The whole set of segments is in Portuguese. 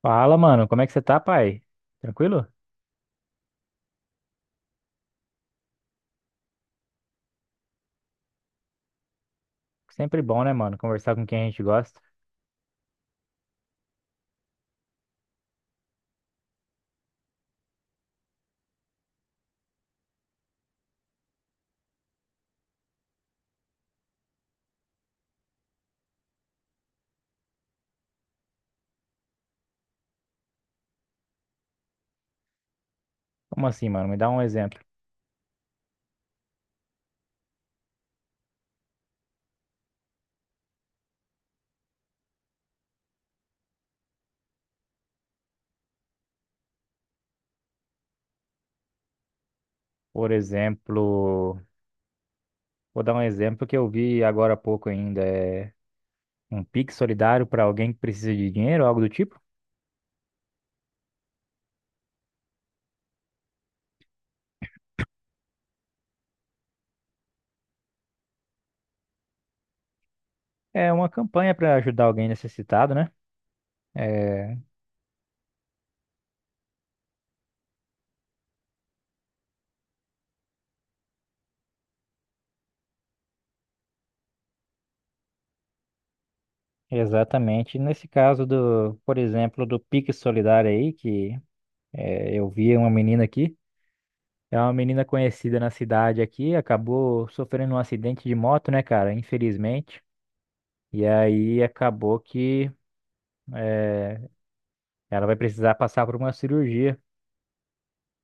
Fala, mano, como é que você tá, pai? Tranquilo? Sempre bom, né, mano, conversar com quem a gente gosta. Como assim, mano? Me dá um exemplo. Por exemplo, vou dar um exemplo que eu vi agora há pouco ainda, um Pix solidário para alguém que precisa de dinheiro, algo do tipo. É uma campanha para ajudar alguém necessitado, né? É, exatamente. Nesse caso do, por exemplo, do Pix solidário aí, eu vi uma menina aqui. É uma menina conhecida na cidade aqui, acabou sofrendo um acidente de moto, né, cara? Infelizmente. E aí acabou que eh, ela vai precisar passar por uma cirurgia.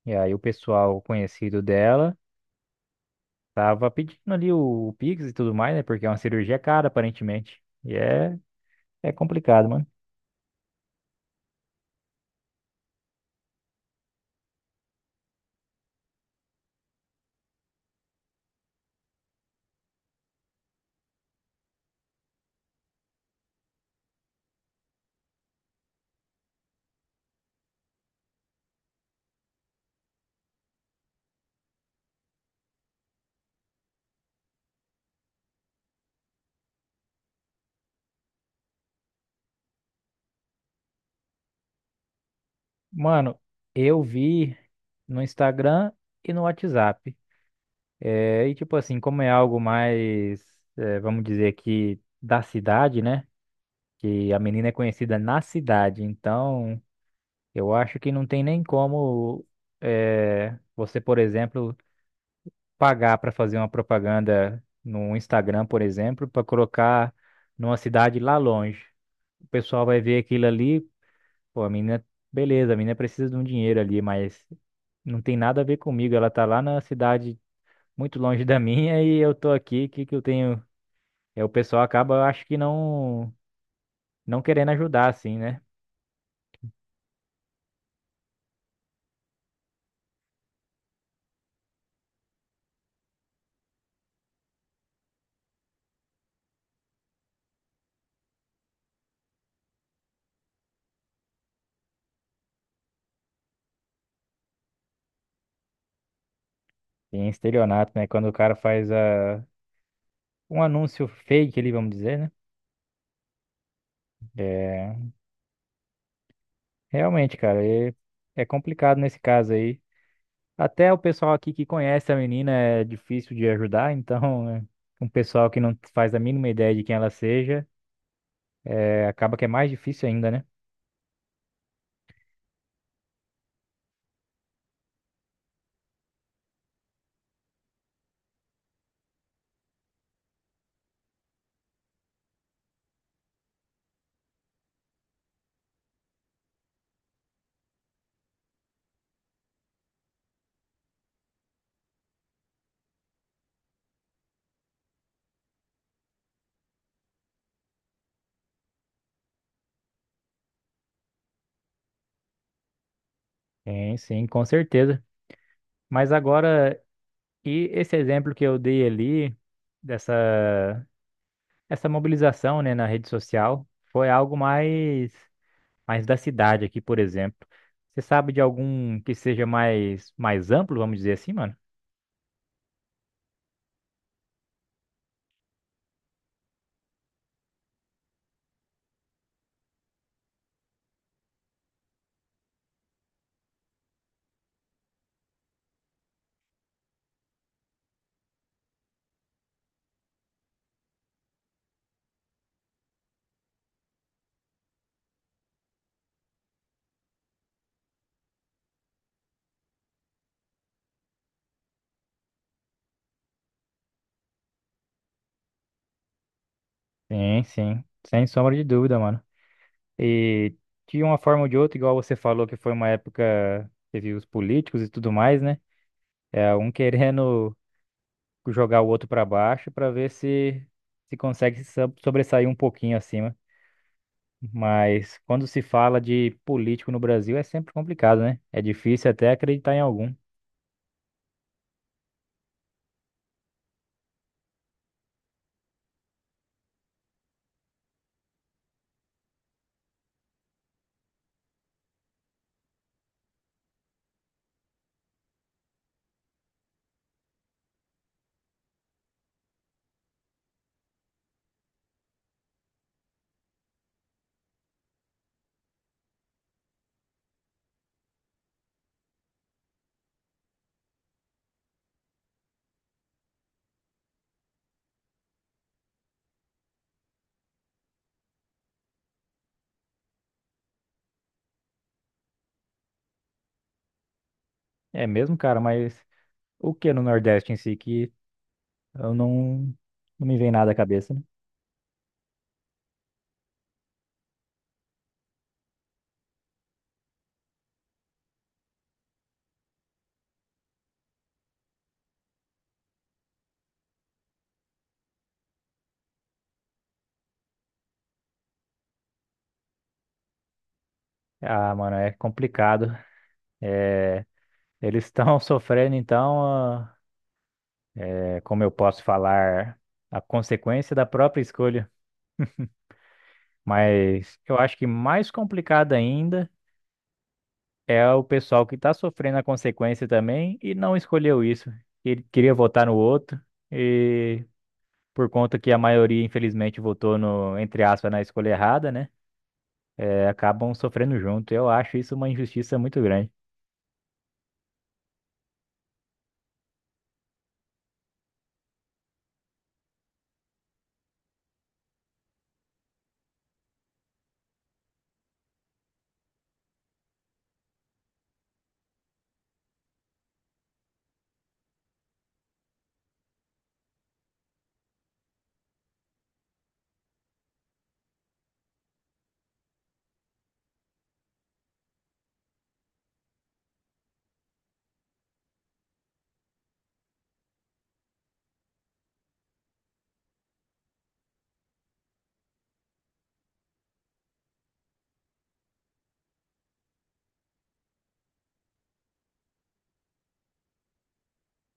E aí o pessoal conhecido dela tava pedindo ali o Pix e tudo mais, né? Porque é uma cirurgia cara, aparentemente. É complicado, mano. Mano, eu vi no Instagram e no WhatsApp. E tipo assim, como é algo mais, vamos dizer que da cidade, né? Que a menina é conhecida na cidade, então. Eu acho que não tem nem como você, por exemplo, pagar para fazer uma propaganda no Instagram, por exemplo, para colocar numa cidade lá longe. O pessoal vai ver aquilo ali, pô, a menina, beleza, a menina precisa de um dinheiro ali, mas não tem nada a ver comigo. Ela tá lá na cidade muito longe da minha e eu tô aqui, o que que eu tenho? É, o pessoal acaba, eu acho que não, não querendo ajudar, assim, né? Tem estelionato, né? Quando o cara faz um anúncio fake ali, vamos dizer, né? É, realmente, cara, é complicado nesse caso aí. Até o pessoal aqui que conhece a menina é difícil de ajudar, então, um pessoal que não faz a mínima ideia de quem ela seja, acaba que é mais difícil ainda, né? Sim, sim, com certeza. Mas agora, e esse exemplo que eu dei ali, dessa essa mobilização, né, na rede social, foi algo mais, mais da cidade aqui, por exemplo. Você sabe de algum que seja mais, mais amplo, vamos dizer assim, mano? Sim, sim, sem sombra de dúvida, mano. E de uma forma ou de outra, igual você falou que foi uma época, teve os políticos e tudo mais, né? É um querendo jogar o outro pra baixo pra ver se consegue se so- sobressair um pouquinho acima. Mas quando se fala de político no Brasil é sempre complicado, né? É difícil até acreditar em algum. É mesmo, cara, mas o que no Nordeste em si que eu não não me vem nada à cabeça, né? Ah, mano, é complicado. Eles estão sofrendo, então, como eu posso falar, a consequência da própria escolha. Mas eu acho que mais complicado ainda é o pessoal que está sofrendo a consequência também e não escolheu isso. Ele queria votar no outro e por conta que a maioria, infelizmente, votou no, entre aspas, na escolha errada, né? É, acabam sofrendo junto. Eu acho isso uma injustiça muito grande.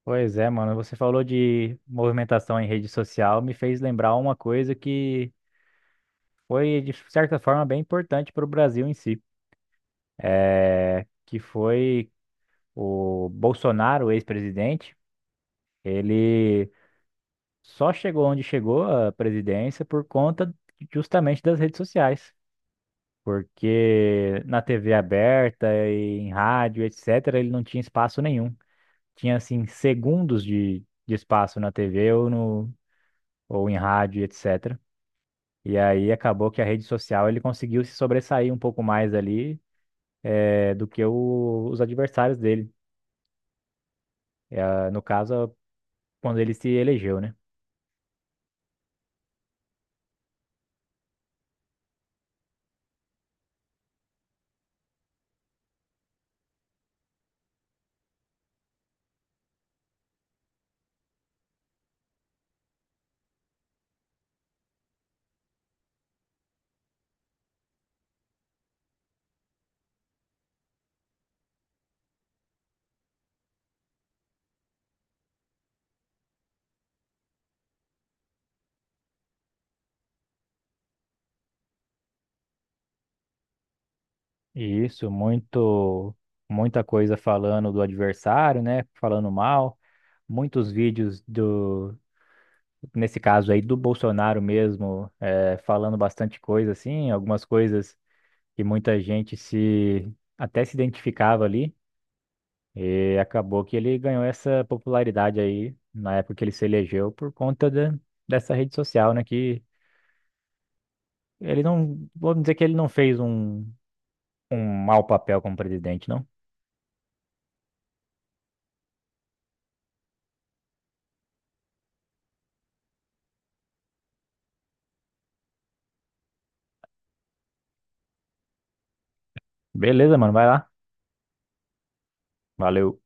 Pois é, mano, você falou de movimentação em rede social, me fez lembrar uma coisa que foi, de certa forma, bem importante para o Brasil em si, que foi o Bolsonaro, o ex-presidente, ele só chegou onde chegou à presidência por conta justamente das redes sociais, porque na TV aberta, e em rádio, etc., ele não tinha espaço nenhum. Tinha, assim, segundos de espaço na TV ou, no, ou em rádio, etc., e aí acabou que a rede social ele conseguiu se sobressair um pouco mais ali do que os adversários dele. No caso, quando ele se elegeu, né? Isso, muito, muita coisa falando do adversário, né? Falando mal, muitos vídeos do, nesse caso aí, do Bolsonaro mesmo, falando bastante coisa, assim, algumas coisas que muita gente se até se identificava ali, e acabou que ele ganhou essa popularidade aí na época que ele se elegeu por conta da- dessa rede social, né? Que ele não. Vamos dizer que ele não fez um mau papel como presidente, não. Beleza, mano, vai lá. Valeu.